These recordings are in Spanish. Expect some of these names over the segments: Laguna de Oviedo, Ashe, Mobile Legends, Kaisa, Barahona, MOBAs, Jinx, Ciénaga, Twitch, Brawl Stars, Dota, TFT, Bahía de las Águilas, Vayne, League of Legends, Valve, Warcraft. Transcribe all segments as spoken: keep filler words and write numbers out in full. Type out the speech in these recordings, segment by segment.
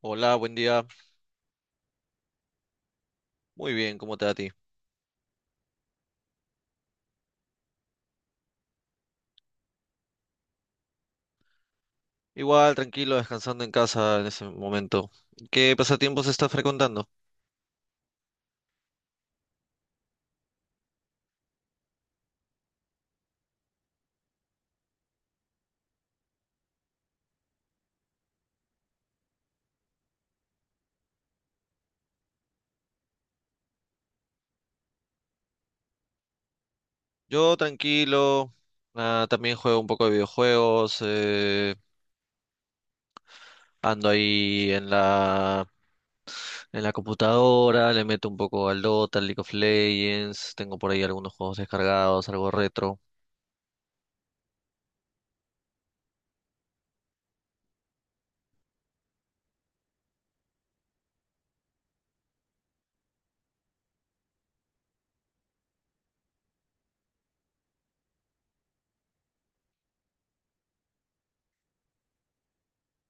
Hola, buen día. Muy bien, ¿cómo te va a ti? Igual, tranquilo, descansando en casa en ese momento. ¿Qué pasatiempos estás frecuentando? Yo tranquilo, ah, también juego un poco de videojuegos, eh, ando ahí en la, en la computadora, le meto un poco al Dota, al League of Legends, tengo por ahí algunos juegos descargados, algo retro.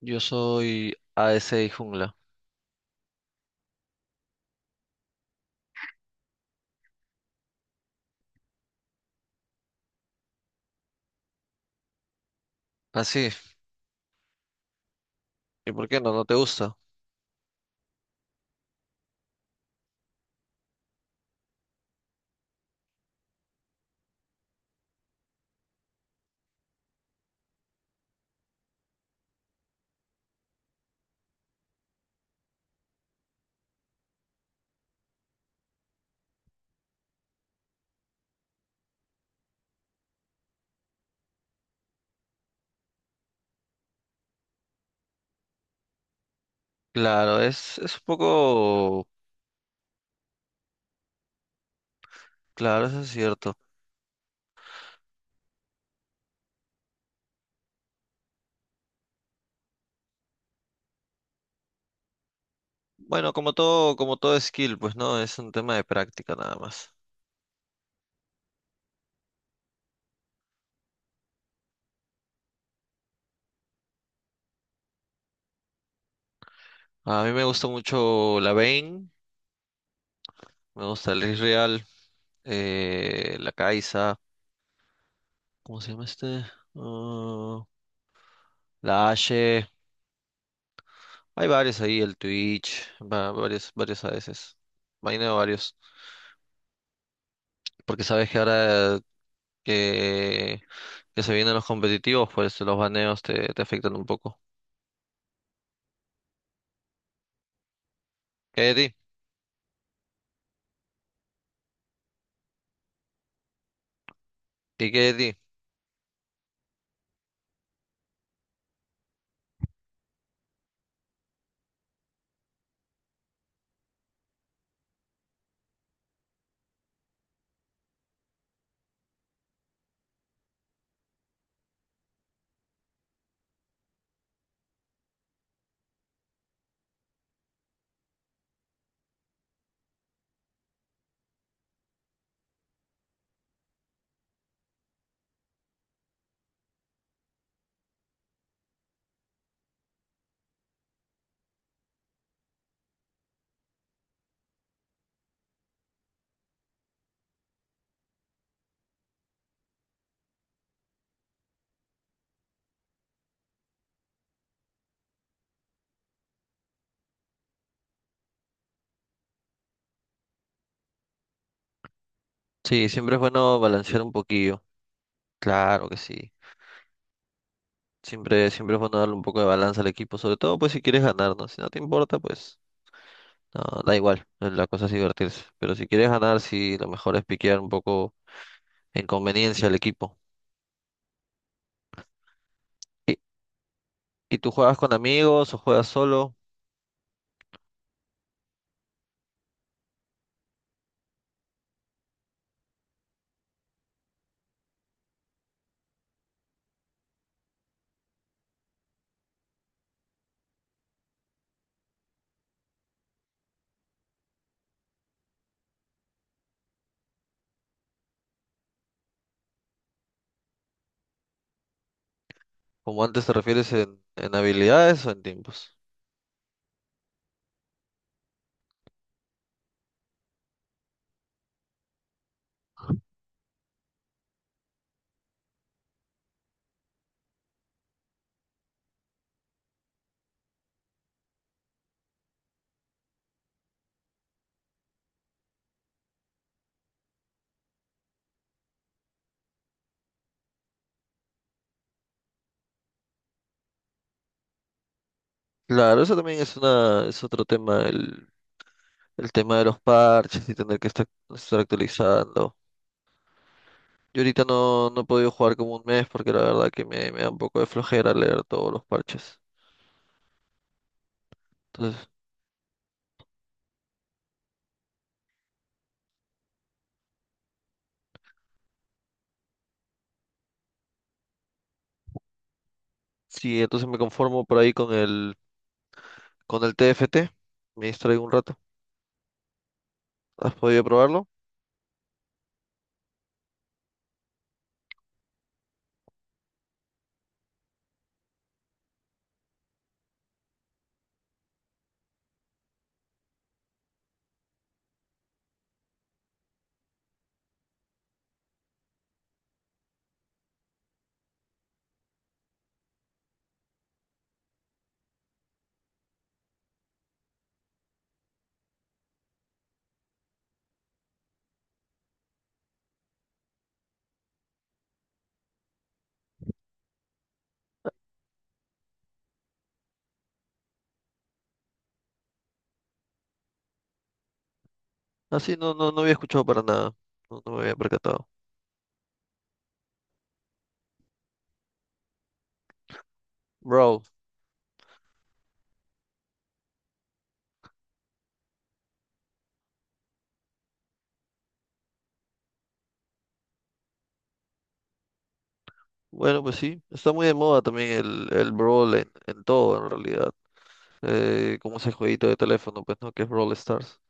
Yo soy A D C y jungla. Ah, sí, ¿y por qué no? ¿No te gusta? Claro, es, es un poco. Claro, eso es cierto. Bueno, como todo, como todo skill, pues no, es un tema de práctica nada más. A mí me gusta mucho la Vayne, me gusta el Israel, eh, la Kaisa, ¿cómo se llama este? Ah, la Ashe, hay varios ahí, el Twitch, va- varios, varios a veces, vaina varios, porque sabes que ahora que, que se vienen los competitivos, pues los baneos te, te afectan un poco. ¿Qué de ti? ¿Y qué de ti? Sí, siempre es bueno balancear un poquillo, claro que sí. Siempre, siempre es bueno darle un poco de balanza al equipo, sobre todo pues si quieres ganar, ¿no? Si no te importa, pues no, da igual, eh, la cosa es divertirse. Pero si quieres ganar, sí, lo mejor es piquear un poco en conveniencia al equipo. ¿Y, y tú juegas con amigos o juegas solo? Como antes te refieres en, en habilidades o en tiempos. Claro, eso también es una, es otro tema, el, el tema de los parches y tener que estar, estar actualizando. Yo ahorita no, no he podido jugar como un mes porque la verdad que me, me da un poco de flojera leer todos los parches. Entonces, Sí, entonces me conformo por ahí con el, con el T F T. Me distraigo un rato. ¿Has podido probarlo? Ah, sí, no, no, no había escuchado para nada. No, no me había percatado. Brawl. Bueno, pues sí. Está muy de moda también el, el Brawl en, en todo, en realidad. Eh, como ese jueguito de teléfono, pues, ¿no? Que es Brawl Stars.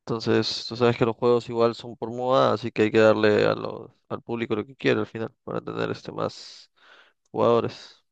Entonces, tú sabes que los juegos igual son por moda, así que hay que darle a los, al público lo que quiere al final para tener este más jugadores.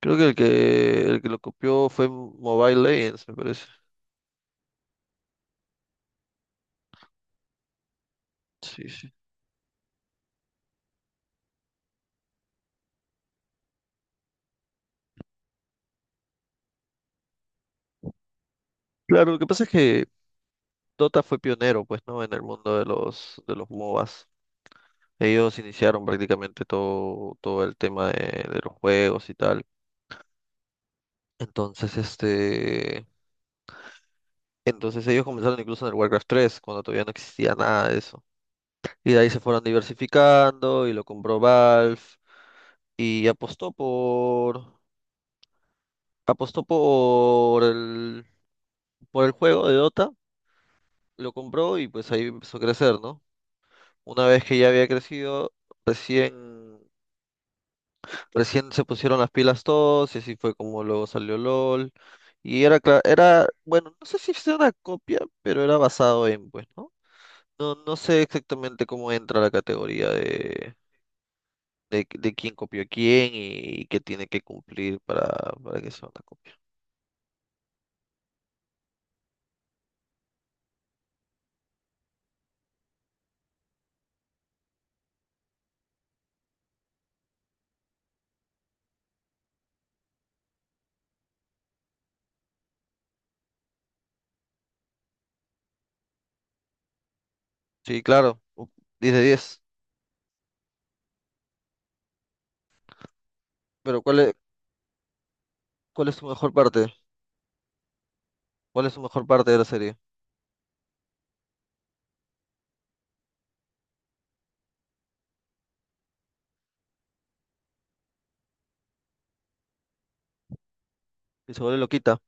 Creo que el que, el que lo copió fue Mobile Legends, me parece. Sí, sí. Claro, lo que pasa es que Dota fue pionero, pues, ¿no? En el mundo de los, de los MOBAs. Ellos iniciaron prácticamente todo, todo el tema de, de los juegos y tal. Entonces, este, entonces ellos comenzaron incluso en el Warcraft tres cuando todavía no existía nada de eso. Y de ahí se fueron diversificando y lo compró Valve y apostó por, apostó por el, por el juego de Dota, lo compró y pues ahí empezó a crecer, ¿no? Una vez que ya había crecido, recién Recién se pusieron las pilas todos y así fue como luego salió LOL. Y era, cla- era, bueno, no sé si es una copia, pero era basado en, pues, ¿no? No, no sé exactamente cómo entra la categoría de, de, de quién copió a quién y, qué tiene que cumplir para, para que sea una copia. Sí, claro, u- diez de diez. Pero ¿cuál es, cuál es su mejor parte? ¿Cuál es su mejor parte de la serie? Y se lo quita,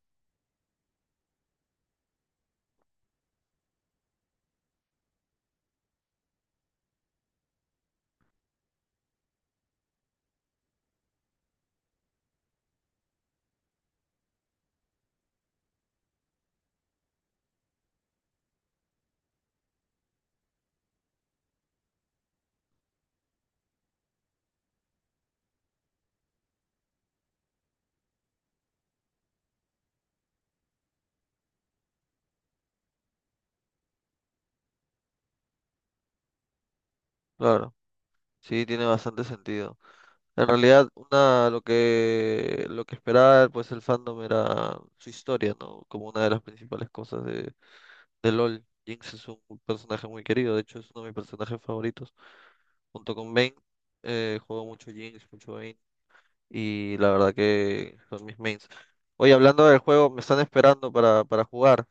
claro. Sí, tiene bastante sentido. En realidad, una, lo que, lo que esperaba pues el fandom era su historia, ¿no? Como una de las principales cosas de, de LOL. Jinx es un personaje muy querido, de hecho es uno de mis personajes favoritos. Junto con Vayne, eh, juego mucho Jinx, mucho Vayne, y la verdad que son mis mains. Oye, hablando del juego, me están esperando para, para jugar.